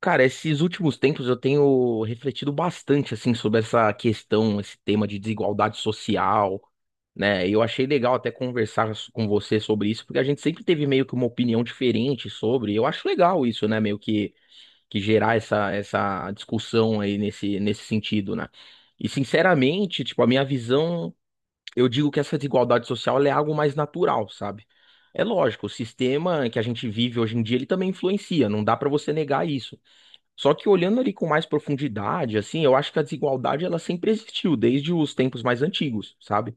Cara, esses últimos tempos eu tenho refletido bastante assim sobre essa questão, esse tema de desigualdade social, né? E eu achei legal até conversar com você sobre isso, porque a gente sempre teve meio que uma opinião diferente sobre. Eu acho legal isso, né? Meio que gerar essa discussão aí nesse sentido, né? E sinceramente, tipo, a minha visão, eu digo que essa desigualdade social ela é algo mais natural, sabe? É lógico, o sistema que a gente vive hoje em dia, ele também influencia, não dá pra você negar isso. Só que olhando ali com mais profundidade, assim, eu acho que a desigualdade ela sempre existiu desde os tempos mais antigos, sabe?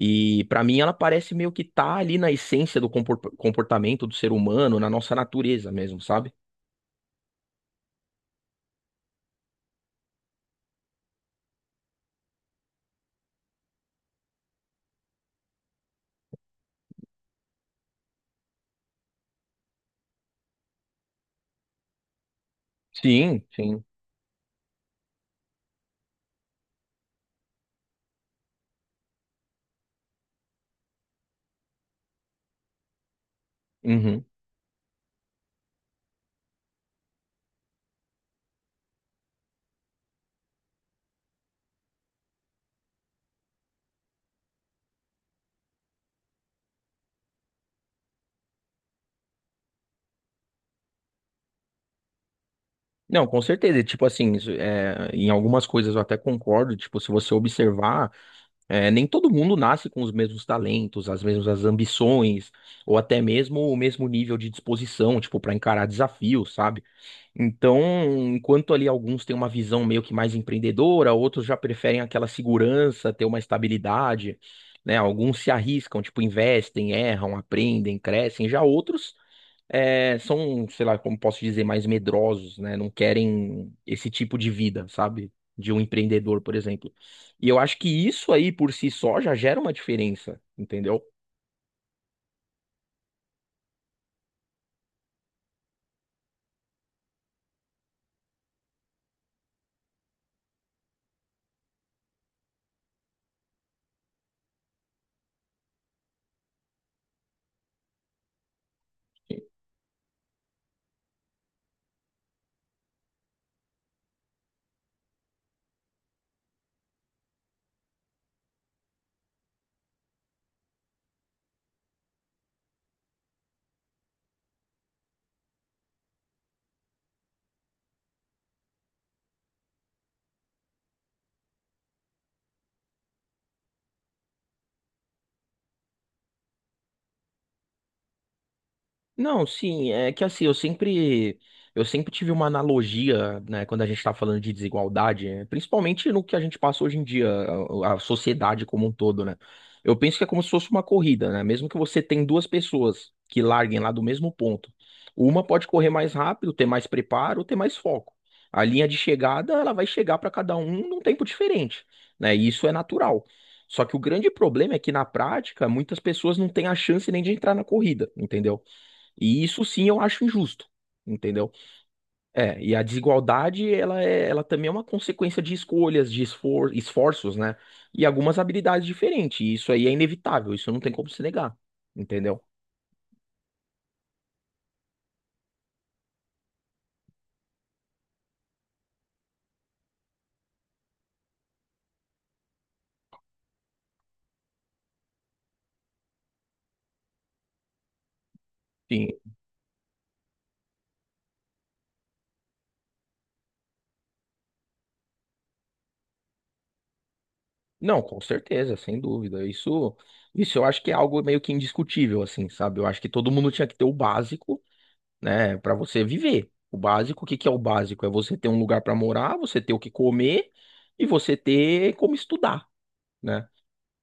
E pra mim ela parece meio que tá ali na essência do comportamento do ser humano, na nossa natureza mesmo, sabe? Sim, sim. Uhum. Não, com certeza. E, tipo assim, isso, é, em algumas coisas eu até concordo. Tipo, se você observar, é, nem todo mundo nasce com os mesmos talentos, as mesmas ambições, ou até mesmo o mesmo nível de disposição, tipo, para encarar desafios, sabe? Então, enquanto ali alguns têm uma visão meio que mais empreendedora, outros já preferem aquela segurança, ter uma estabilidade, né? Alguns se arriscam, tipo, investem, erram, aprendem, crescem. Já outros são, sei lá, como posso dizer, mais medrosos, né? Não querem esse tipo de vida, sabe? De um empreendedor, por exemplo. E eu acho que isso aí por si só já gera uma diferença, entendeu? Não, sim, é que assim, eu sempre tive uma analogia, né, quando a gente tá falando de desigualdade, é, principalmente no que a gente passa hoje em dia, a sociedade como um todo, né? Eu penso que é como se fosse uma corrida, né? Mesmo que você tem duas pessoas que larguem lá do mesmo ponto, uma pode correr mais rápido, ter mais preparo, ter mais foco. A linha de chegada, ela vai chegar para cada um num tempo diferente, né? E isso é natural. Só que o grande problema é que na prática, muitas pessoas não têm a chance nem de entrar na corrida, entendeu? E isso sim eu acho injusto, entendeu? É, e a desigualdade, ela é, ela também é uma consequência de escolhas, de esforços, né? E algumas habilidades diferentes. E isso aí é inevitável, isso não tem como se negar, entendeu? Sim. Não, com certeza, sem dúvida. Isso, isso eu acho que é algo meio que indiscutível, assim, sabe? Eu acho que todo mundo tinha que ter o básico, né, pra você viver. O básico, o que que é o básico? É você ter um lugar pra morar, você ter o que comer e você ter como estudar, né?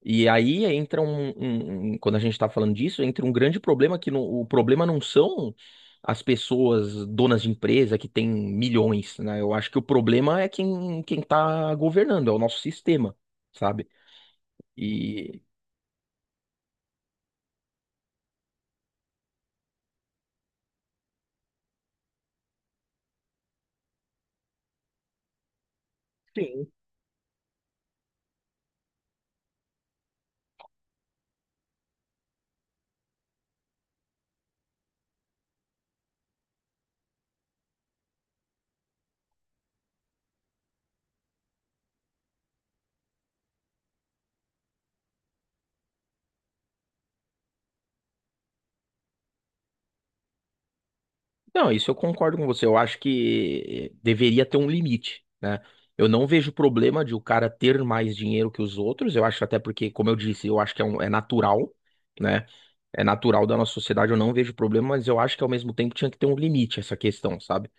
E aí entra um, quando a gente está falando disso, entra um grande problema que não- o problema não são as pessoas donas de empresa que têm milhões, né? Eu acho que o problema é quem está governando, é o nosso sistema, sabe? E Sim. Não, isso eu concordo com você. Eu acho que deveria ter um limite, né? Eu não vejo problema de o cara ter mais dinheiro que os outros. Eu acho até porque, como eu disse, eu acho que é natural, né? É natural da nossa sociedade, eu não vejo problema, mas eu acho que ao mesmo tempo tinha que ter um limite essa questão, sabe?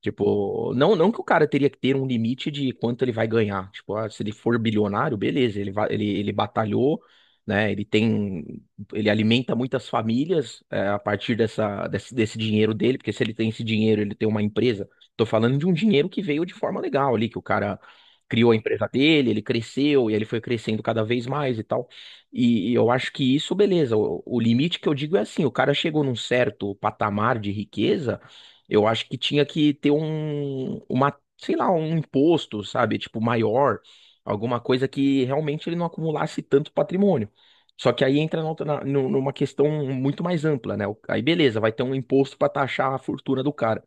Tipo, não, não que o cara teria que ter um limite de quanto ele vai ganhar. Tipo, ah, se ele for bilionário, beleza, ele batalhou, né? Ele alimenta muitas famílias é, a partir dessa, desse dinheiro dele, porque se ele tem esse dinheiro, ele tem uma empresa. Tô falando de um dinheiro que veio de forma legal ali, que o cara criou a empresa dele, ele cresceu e ele foi crescendo cada vez mais e tal. E eu acho que isso, beleza. O limite que eu digo é assim, o cara chegou num certo patamar de riqueza eu acho que tinha que ter um, sei lá, um imposto, sabe? Tipo, maior, alguma coisa que realmente ele não acumulasse tanto patrimônio. Só que aí entra na outra- na- nu- numa questão muito mais ampla, né? Aí beleza, vai ter um imposto para taxar a fortuna do cara.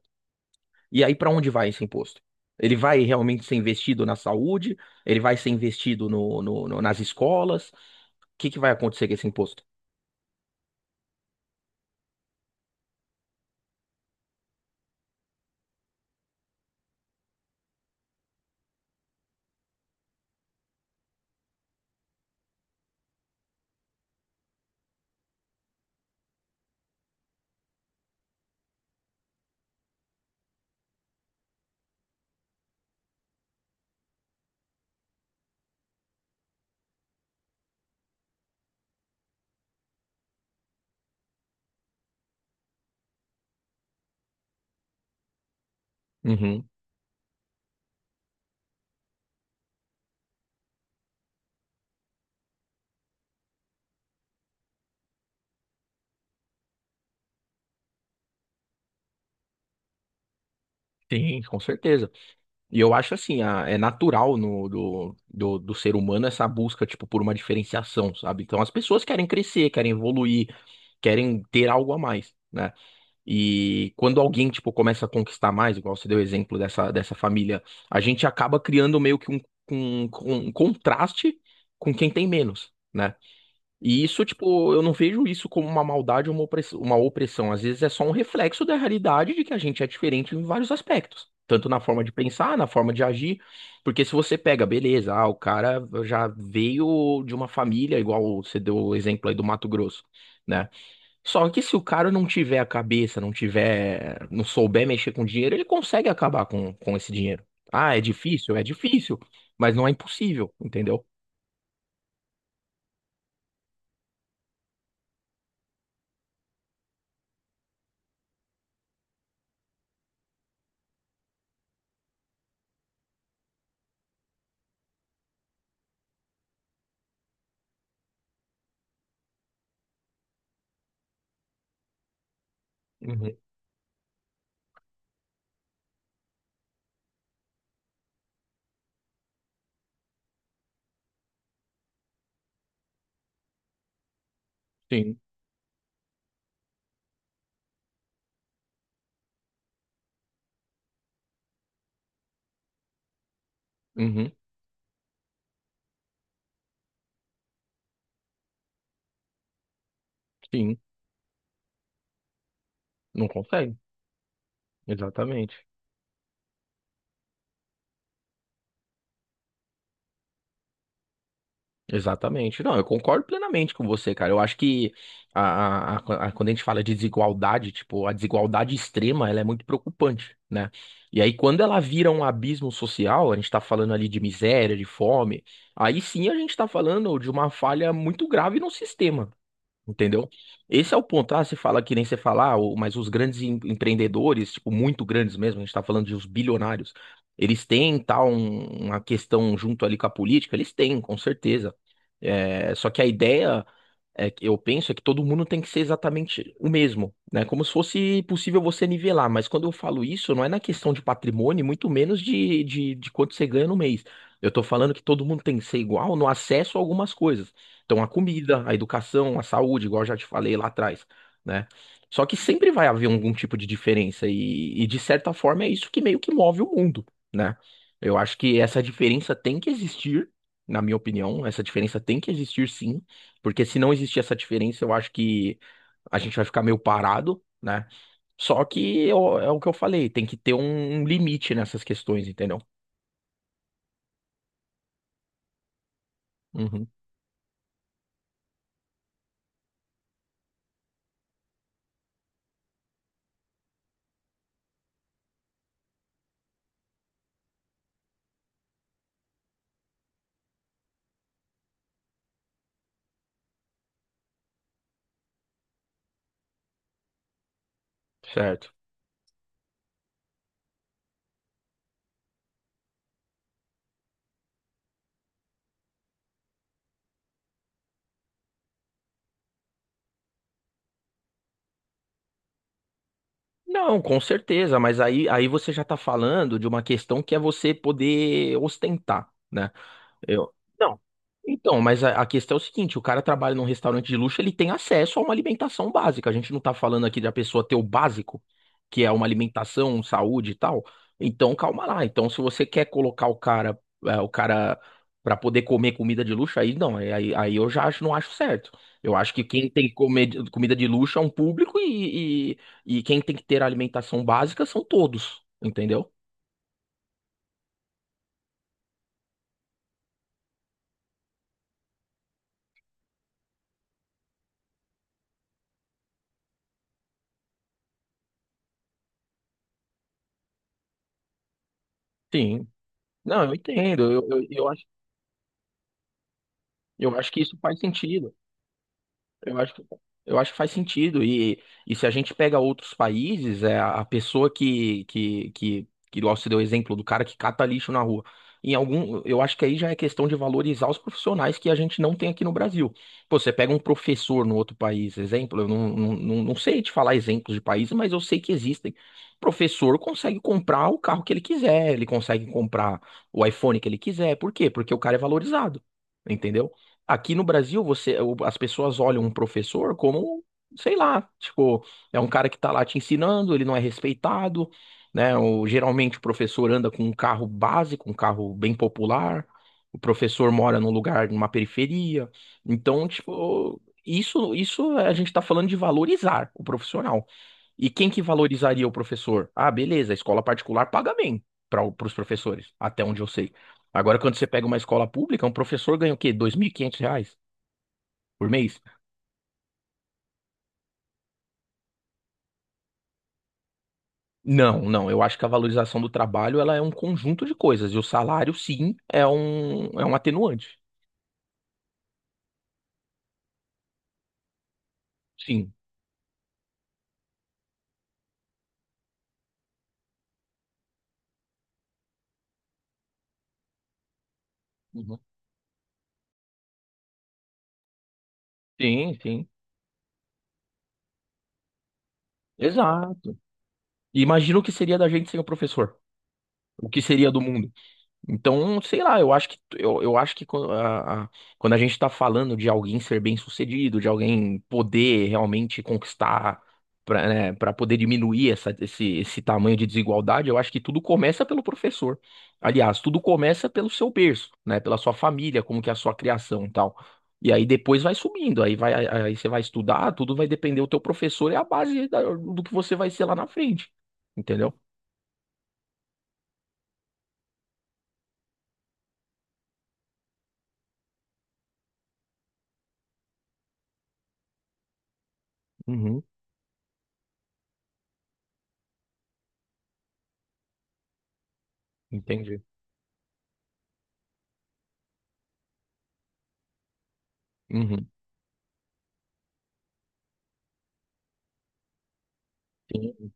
E aí para onde vai esse imposto? Ele vai realmente ser investido na saúde? Ele vai ser investido nas escolas? O que que vai acontecer com esse imposto? Uhum, sim, com certeza. E eu acho assim, é natural no, do, do, do ser humano essa busca, tipo, por uma diferenciação, sabe? Então as pessoas querem crescer, querem evoluir, querem ter algo a mais, né? E quando alguém, tipo, começa a conquistar mais, igual você deu o exemplo dessa família, a gente acaba criando meio que um, um contraste com quem tem menos, né? E isso, tipo, eu não vejo isso como uma maldade ou uma opressão. Às vezes é só um reflexo da realidade de que a gente é diferente em vários aspectos. Tanto na forma de pensar, na forma de agir. Porque se você pega, beleza, ah, o cara já veio de uma família, igual você deu o exemplo aí do Mato Grosso, né? Só que se o cara não tiver a cabeça, não tiver, não souber mexer com dinheiro, ele consegue acabar com esse dinheiro. Ah, é difícil? É difícil, mas não é impossível, entendeu? Uhum. Sim, uhum, sim. Não consegue. Exatamente. Exatamente. Não, eu concordo plenamente com você, cara. Eu acho que a, quando a gente fala de desigualdade, tipo, a desigualdade extrema, ela é muito preocupante, né? E aí, quando ela vira um abismo social, a gente tá falando ali de miséria, de fome, aí sim a gente tá falando de uma falha muito grave no sistema. Entendeu? Esse é o ponto. Ah, você fala que nem você fala, ah, mas os grandes empreendedores, tipo, muito grandes mesmo, a gente tá falando de uns bilionários, eles têm tal uma questão junto ali com a política? Eles têm, com certeza. É, só que a ideia é que eu penso é que todo mundo tem que ser exatamente o mesmo, né? Como se fosse possível você nivelar, mas quando eu falo isso, não é na questão de patrimônio, muito menos de quanto você ganha no mês. Eu tô falando que todo mundo tem que ser igual no acesso a algumas coisas. Então, a comida, a educação, a saúde, igual eu já te falei lá atrás, né? Só que sempre vai haver algum tipo de diferença, e de certa forma é isso que meio que move o mundo, né? Eu acho que essa diferença tem que existir, na minha opinião, essa diferença tem que existir sim porque se não existir essa diferença, eu acho que a gente vai ficar meio parado, né? Só que é o que eu falei, tem que ter um limite nessas questões, entendeu? Uhum, certo. Não, com certeza, mas aí você já tá falando de uma questão que é você poder ostentar, né? Eu... Não. Então, mas a questão é o seguinte, o cara trabalha num restaurante de luxo, ele tem acesso a uma alimentação básica. A gente não tá falando aqui da pessoa ter o básico, que é uma alimentação, um saúde e tal. Então, calma lá. Então, se você quer colocar o cara, para poder comer comida de luxo, aí não, é, aí eu já acho, não acho certo. Eu acho que quem tem que comer comida de luxo é um público e quem tem que ter alimentação básica são todos, entendeu? Sim. Não, eu entendo. Eu acho que isso faz sentido. Eu acho que, eu acho que faz sentido. E se a gente pega outros países, é a pessoa que igual você deu o exemplo do cara que cata lixo na rua. Em algum, eu acho que aí já é questão de valorizar os profissionais que a gente não tem aqui no Brasil. Pô, você pega um professor no outro país, exemplo, eu não sei te falar exemplos de países, mas eu sei que existem. O professor consegue comprar o carro que ele quiser, ele consegue comprar o iPhone que ele quiser. Por quê? Porque o cara é valorizado, entendeu? Aqui no Brasil, as pessoas olham um professor como, sei lá, tipo, é um cara que tá lá te ensinando, ele não é respeitado, né? Geralmente o professor anda com um carro básico, um carro bem popular, o professor mora num lugar, numa periferia. Então, tipo, isso a gente tá falando de valorizar o profissional. E quem que valorizaria o professor? Ah, beleza, a escola particular paga bem para os professores, até onde eu sei. Agora, quando você pega uma escola pública, um professor ganha o quê? R$ 2.500 por mês? Não, não, eu acho que a valorização do trabalho ela é um conjunto de coisas, e o salário, sim, é um atenuante. Sim. Uhum. Sim, sim. Exato. E imagina o que seria da gente sem o professor. O que seria do mundo? Então, sei lá, eu acho que quando a gente tá falando de alguém ser bem-sucedido, de alguém poder realmente conquistar para, né, para poder diminuir essa, esse tamanho de desigualdade, eu acho que tudo começa pelo professor. Aliás, tudo começa pelo seu berço, né, pela sua família, como que é a sua criação e tal. E aí depois vai subindo, aí você vai estudar, tudo vai depender do teu professor é a base do que você vai ser lá na frente. Entendeu? Uhum, entendi. Uhum. Sim.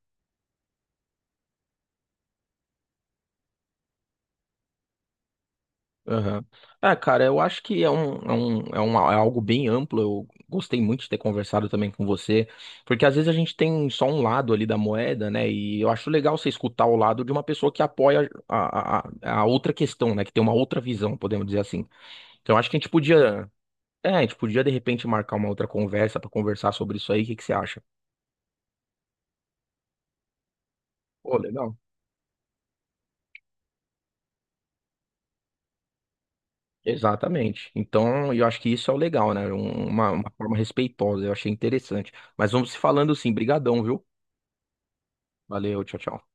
Aham. É, cara, eu acho que é algo bem amplo. Eu gostei muito de ter conversado também com você, porque às vezes a gente tem só um lado ali da moeda, né? E eu acho legal você escutar o lado de uma pessoa que apoia a outra questão, né? Que tem uma outra visão, podemos dizer assim. Então, eu acho que a gente podia de repente marcar uma outra conversa para conversar sobre isso aí. O que que você acha? Pô, legal. Exatamente. Então, eu acho que isso é o legal, né? Uma forma respeitosa, eu achei interessante. Mas vamos se falando sim, brigadão, viu? Valeu, tchau, tchau.